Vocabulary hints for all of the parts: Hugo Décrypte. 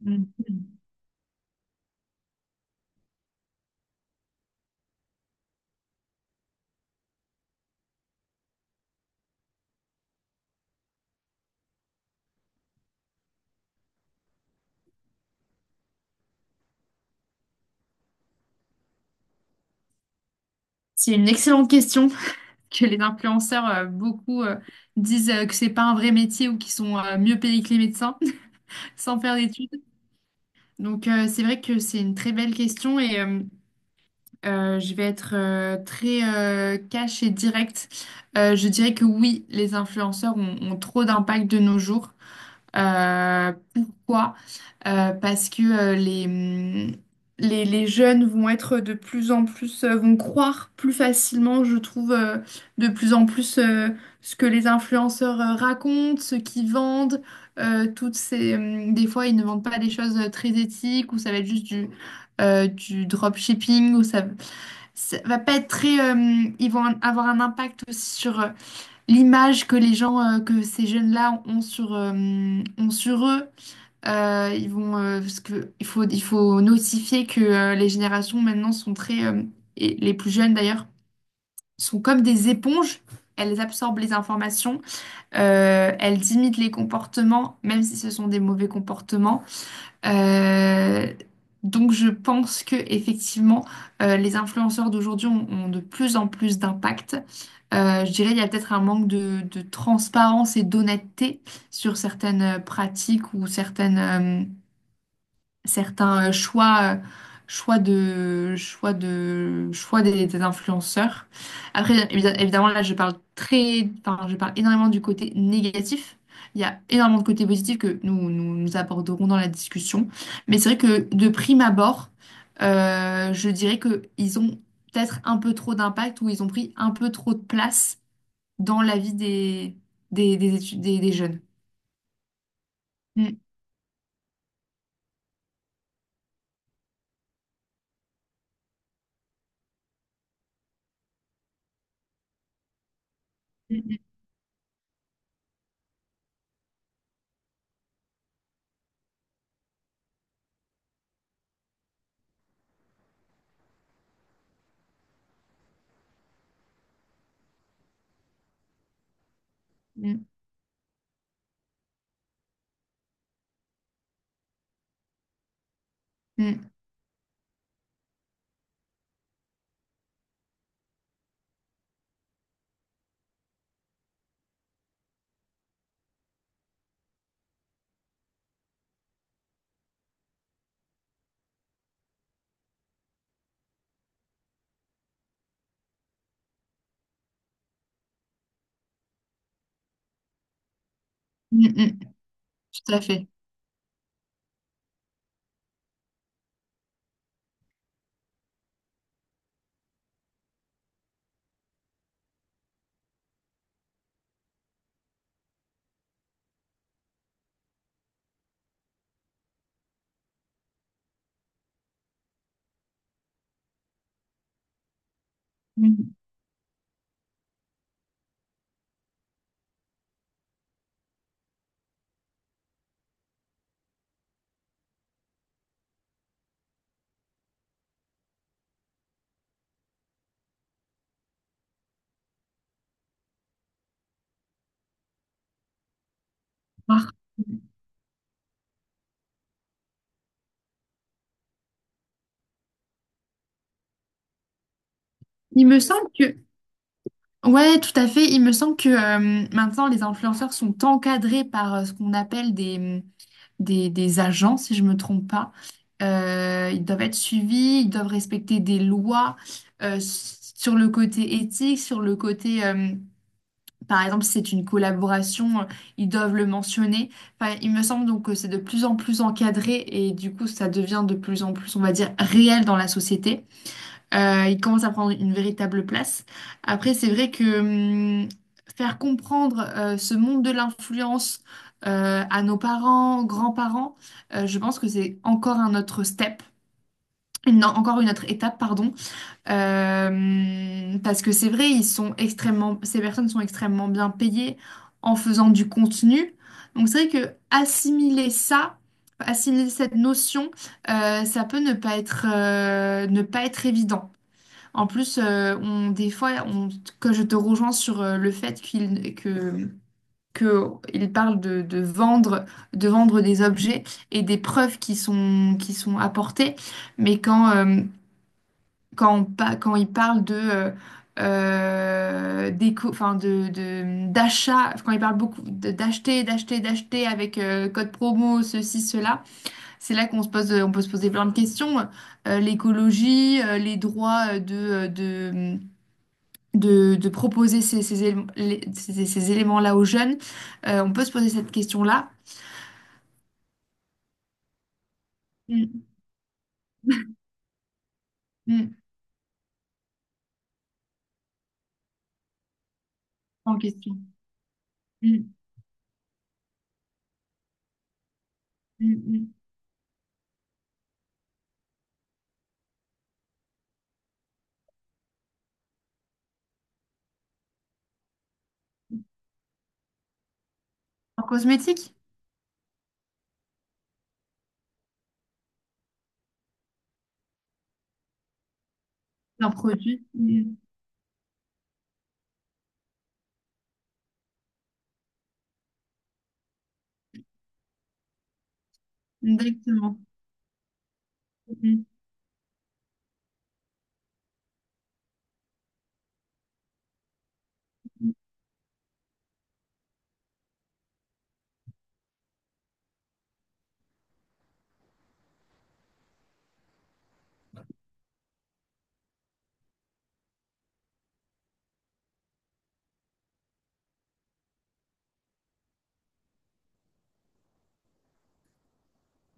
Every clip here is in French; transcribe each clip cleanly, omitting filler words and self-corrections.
Mhm. C'est une excellente question que les influenceurs, beaucoup disent que c'est pas un vrai métier ou qu'ils sont mieux payés que les médecins sans faire d'études. Donc c'est vrai que c'est une très belle question et je vais être très cash et directe. Je dirais que oui, les influenceurs ont trop d'impact de nos jours. Pourquoi? Parce que les jeunes vont être de plus en plus, vont croire plus facilement, je trouve, de plus en plus ce que les influenceurs racontent, ce qu'ils vendent, toutes ces, des fois, ils ne vendent pas des choses très éthiques, ou ça va être juste du dropshipping, ça va pas être très, ils vont avoir un impact aussi sur l'image que les gens, que ces jeunes-là ont sur eux. Parce que il faut notifier que les générations maintenant sont très, et les plus jeunes d'ailleurs, sont comme des éponges. Elles absorbent les informations, elles imitent les comportements, même si ce sont des mauvais comportements. Euh, donc je pense que effectivement, les influenceurs d'aujourd'hui ont de plus en plus d'impact. Je dirais il y a peut-être un manque de transparence et d'honnêteté sur certaines pratiques ou certaines certains choix, des influenceurs. Après, évidemment, là, je parle très, enfin, je parle énormément du côté négatif. Il y a énormément de côtés positifs que nous aborderons dans la discussion. Mais c'est vrai que de prime abord, je dirais que ils ont peut-être un peu trop d'impact ou ils ont pris un peu trop de place dans la vie des jeunes. Mm, mm, mm, mm, mm. Tout à fait. Voir. Il me semble que, ouais, tout à fait. Il me semble que maintenant, les influenceurs sont encadrés par ce qu'on appelle des agents, si je me trompe pas. Ils doivent être suivis, ils doivent respecter des lois sur le côté éthique, sur le côté, par exemple, si c'est une collaboration, ils doivent le mentionner. Enfin, il me semble donc que c'est de plus en plus encadré et du coup, ça devient de plus en plus, on va dire, réel dans la société. Il commence à prendre une véritable place. Après, c'est vrai que faire comprendre ce monde de l'influence à nos parents, grands-parents, je pense que c'est encore un autre step. Non, encore une autre étape, pardon. Parce que c'est vrai, ils sont extrêmement, ces personnes sont extrêmement bien payées en faisant du contenu. Donc c'est vrai que assimiler ça, assimiler cette notion, ça peut ne pas être, ne pas être évident. En plus, des fois, on, que je te rejoins sur le fait que il parle de vendre des objets et des preuves qui sont apportées, mais on quand il parle enfin d'achat, quand il parle beaucoup d'acheter, d'acheter, d'acheter avec code promo, ceci, cela, c'est là qu'on se pose, on peut se poser plein de questions. L'écologie, les droits de, de proposer ces éléments-là aux jeunes. On peut se poser cette question-là. Mm, mm. En question. Mm, mm. En cosmétique? Un produit? Mm. Exactement. Mm, mm,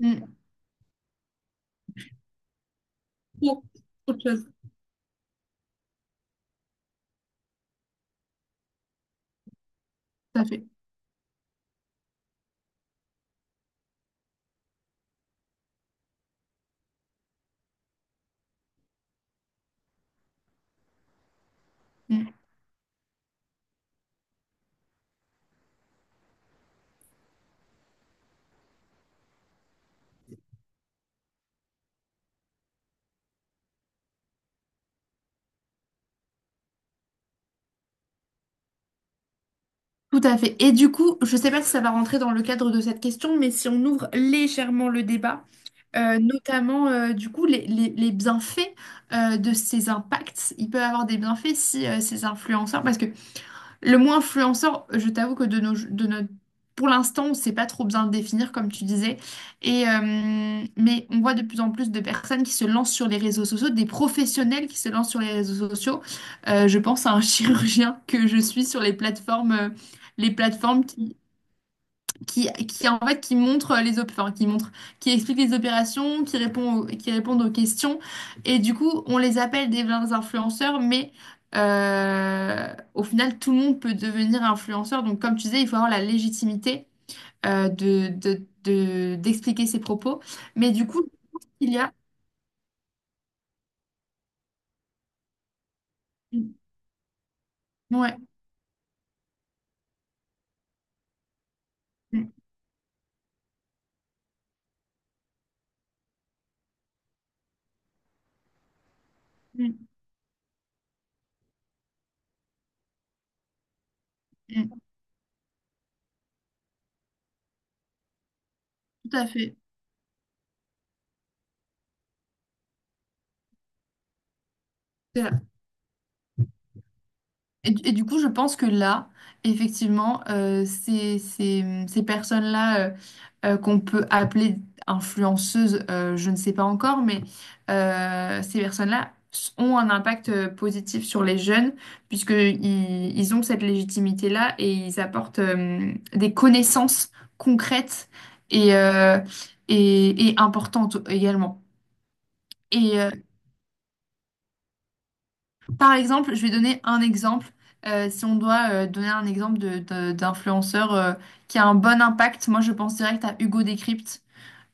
mm. Autre chose. Tout à fait. Mm. Tout à fait. Et du coup, je ne sais pas si ça va rentrer dans le cadre de cette question, mais si on ouvre légèrement le débat, notamment les bienfaits de ces impacts, il peut avoir des bienfaits si ces influenceurs, parce que le mot influenceur, je t'avoue que de notre, pour l'instant, on ne sait pas trop bien le définir, comme tu disais. Mais on voit de plus en plus de personnes qui se lancent sur les réseaux sociaux, des professionnels qui se lancent sur les réseaux sociaux. Je pense à un chirurgien que je suis sur les plateformes, les plateformes qui qui en fait qui montre les enfin, qui montre qui explique les opérations qui qui répondent aux questions et du coup on les appelle des vrais influenceurs mais au final tout le monde peut devenir influenceur donc comme tu disais il faut avoir la légitimité d'expliquer ses propos mais du coup il y a ouais. Mm, mm, mm. Tout à fait. Et du coup, je pense que là, effectivement, ces personnes-là qu'on peut appeler influenceuses, je ne sais pas encore, mais ces personnes-là ont un impact positif sur les jeunes, puisque ils ont cette légitimité-là et ils apportent des connaissances concrètes et, euh, et et importantes également. Et, euh, Par exemple, je vais donner un exemple. Si on doit donner un exemple d'influenceur qui a un bon impact, moi je pense direct à Hugo Décrypte.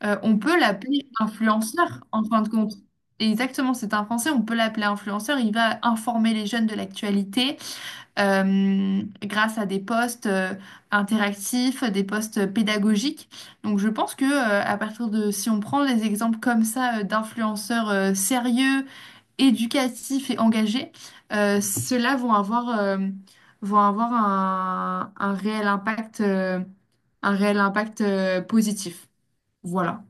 On peut l'appeler influenceur en fin de compte. Exactement, c'est un Français, on peut l'appeler influenceur. Il va informer les jeunes de l'actualité grâce à des posts interactifs, des posts pédagogiques. Donc je pense que à partir de si on prend des exemples comme ça d'influenceurs sérieux, éducatifs et engagés, ceux-là vont avoir un réel impact, positif. Voilà.